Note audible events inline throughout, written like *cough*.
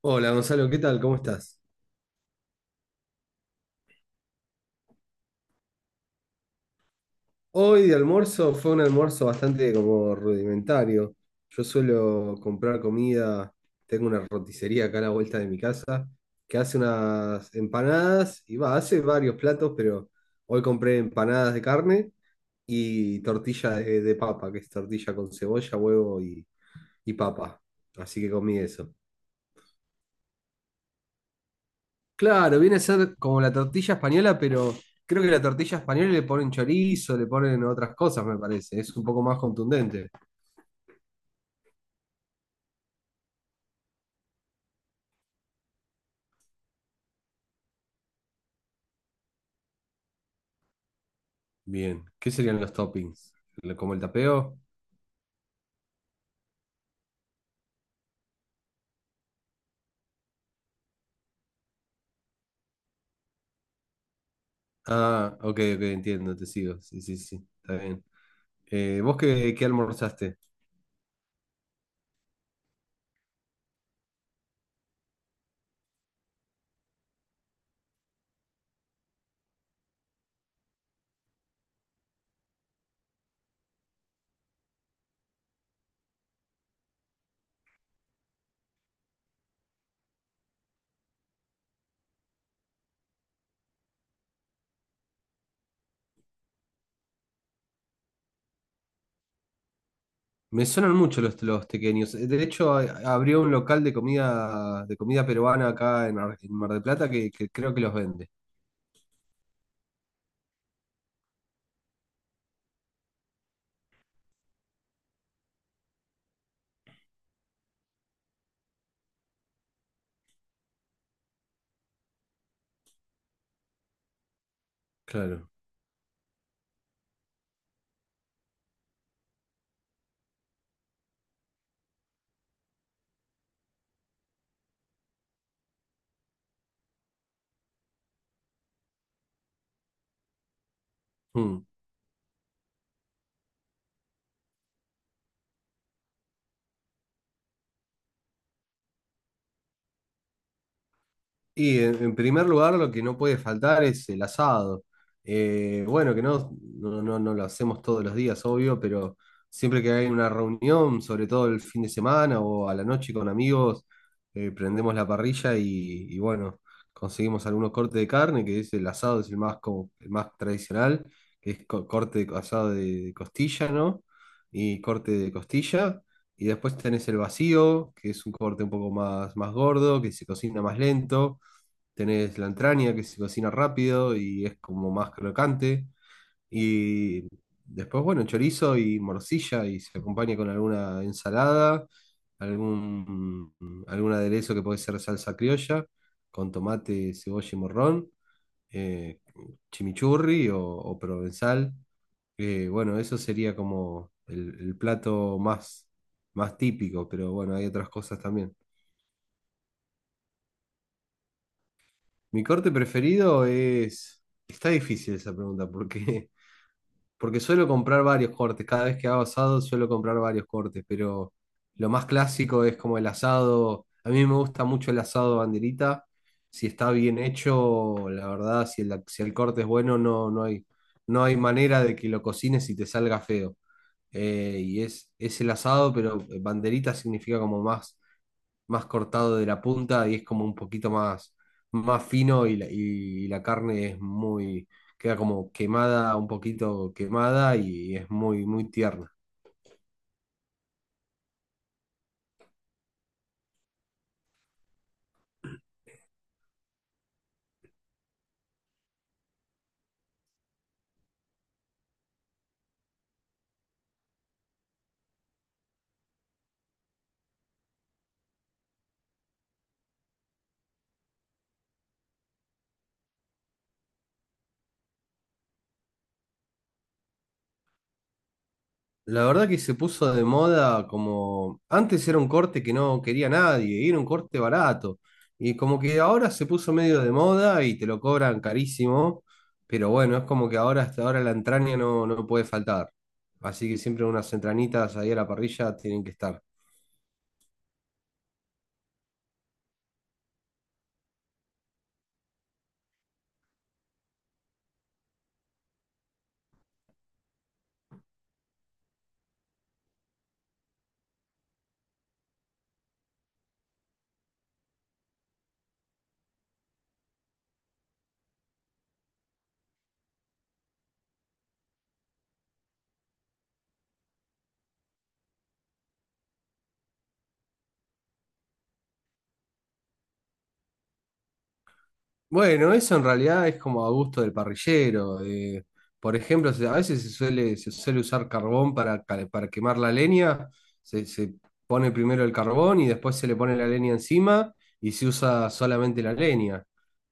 Hola Gonzalo, ¿qué tal? ¿Cómo estás? Hoy de almuerzo fue un almuerzo bastante como rudimentario. Yo suelo comprar comida, tengo una roticería acá a la vuelta de mi casa que hace unas empanadas y va, hace varios platos, pero hoy compré empanadas de carne y tortilla de papa, que es tortilla con cebolla, huevo y papa. Así que comí eso. Claro, viene a ser como la tortilla española, pero creo que la tortilla española le ponen chorizo, le ponen otras cosas, me parece. Es un poco más contundente. Bien, ¿qué serían los toppings? ¿Como el tapeo? Ah, ok, ok, entiendo, te sigo. Sí, sí, sí, está bien. ¿Vos qué, qué almorzaste? Me sonan mucho los tequeños. De hecho, abrió un local de comida peruana acá en, en Mar del Plata que creo que los vende. Claro. Y en primer lugar, lo que no puede faltar es el asado. Bueno, que no lo hacemos todos los días, obvio, pero siempre que hay una reunión, sobre todo el fin de semana o a la noche con amigos, prendemos la parrilla y bueno, conseguimos algunos cortes de carne, que es el asado, es el más, como, el más tradicional, que es corte de, asado de costilla, ¿no? Y corte de costilla. Y después tenés el vacío, que es un corte un poco más, más gordo, que se cocina más lento. Tenés la entraña que se cocina rápido y es como más crocante. Y después, bueno, chorizo y morcilla y se acompaña con alguna ensalada, algún, algún aderezo que puede ser salsa criolla, con tomate, cebolla y morrón, eh, chimichurri o provenzal. Bueno, eso sería como el plato más, más típico, pero bueno, hay otras cosas también. Mi corte preferido es... Está difícil esa pregunta, porque, *laughs* porque suelo comprar varios cortes. Cada vez que hago asado suelo comprar varios cortes, pero lo más clásico es como el asado. A mí me gusta mucho el asado banderita. Si está bien hecho, la verdad, si el, si el corte es bueno, no, no hay, no hay manera de que lo cocines y te salga feo. Y es el asado, pero banderita significa como más más cortado de la punta y es como un poquito más, más fino y la carne es muy, queda como quemada, un poquito quemada y es muy, muy tierna. La verdad que se puso de moda como antes era un corte que no quería nadie, y era un corte barato. Y como que ahora se puso medio de moda y te lo cobran carísimo, pero bueno, es como que ahora hasta ahora la entraña no, no puede faltar. Así que siempre unas entrañitas ahí a la parrilla tienen que estar. Bueno, eso en realidad es como a gusto del parrillero. Por ejemplo, a veces se suele usar carbón para, para quemar la leña. Se pone primero el carbón y después se le pone la leña encima y se usa solamente la leña.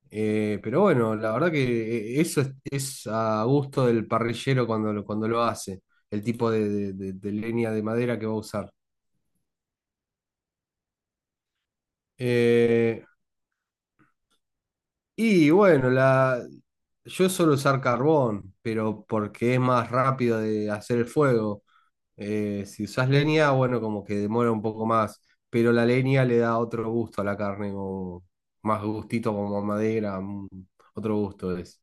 Pero bueno, la verdad que eso es a gusto del parrillero cuando lo hace, el tipo de, de leña de madera que va a usar. Eh, Y bueno, la... yo suelo usar carbón, pero porque es más rápido de hacer el fuego. Si usas leña, bueno, como que demora un poco más, pero la leña le da otro gusto a la carne, como más gustito como a madera, otro gusto es.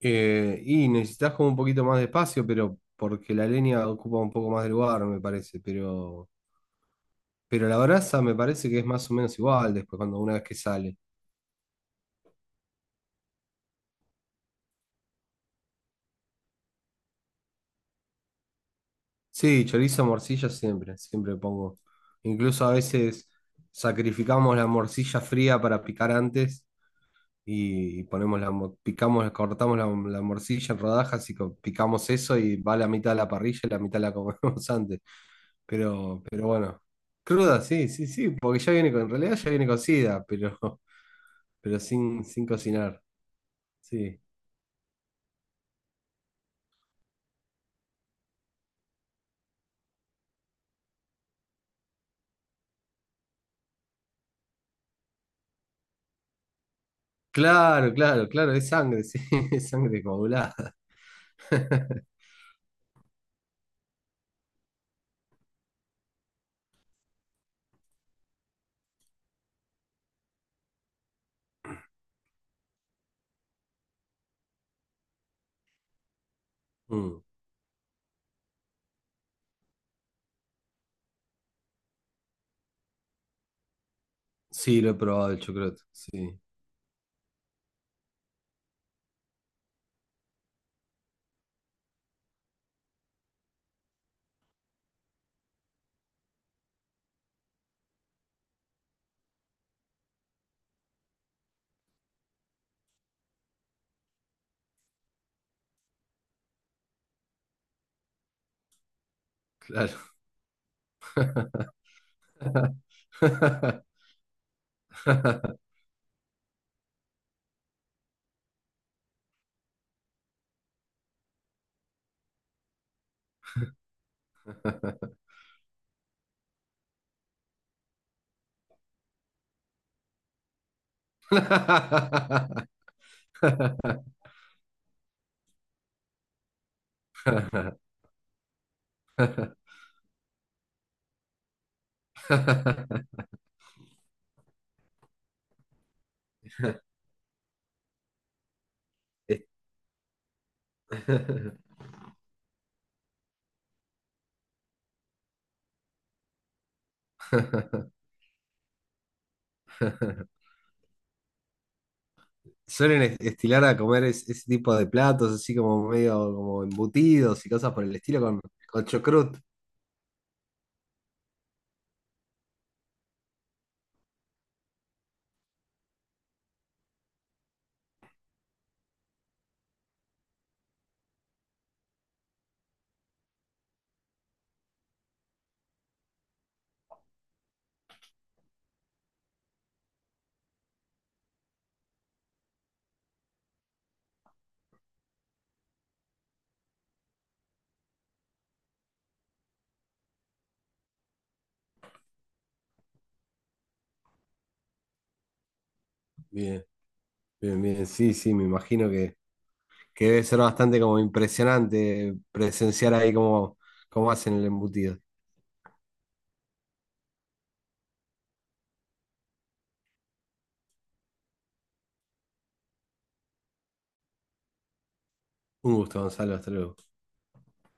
Y necesitas como un poquito más de espacio, pero porque la leña ocupa un poco más de lugar, me parece, pero la brasa me parece que es más o menos igual después cuando una vez que sale. Sí, chorizo, morcilla siempre, siempre pongo. Incluso a veces sacrificamos la morcilla fría para picar antes y ponemos la, picamos, cortamos la, la morcilla en rodajas y picamos eso y va la mitad a la parrilla y la mitad la comemos *laughs* antes. Pero bueno, cruda, sí, sí, sí, porque ya viene con, en realidad ya viene cocida, pero, *laughs* pero sin, sin cocinar, sí. Claro, claro, claro, es sangre, sí, *laughs* es sangre coagulada. Mm. Sí, lo he probado el chocrot, sí, claro. *laughs* Es- Suelen estilar a comer ese tipo de platos, así como medio como embutidos y cosas por el estilo con chocrut. Bien, bien, bien, sí, sí, me imagino que debe ser bastante como impresionante presenciar ahí cómo, cómo hacen el embutido. Un gusto, Gonzalo, hasta luego.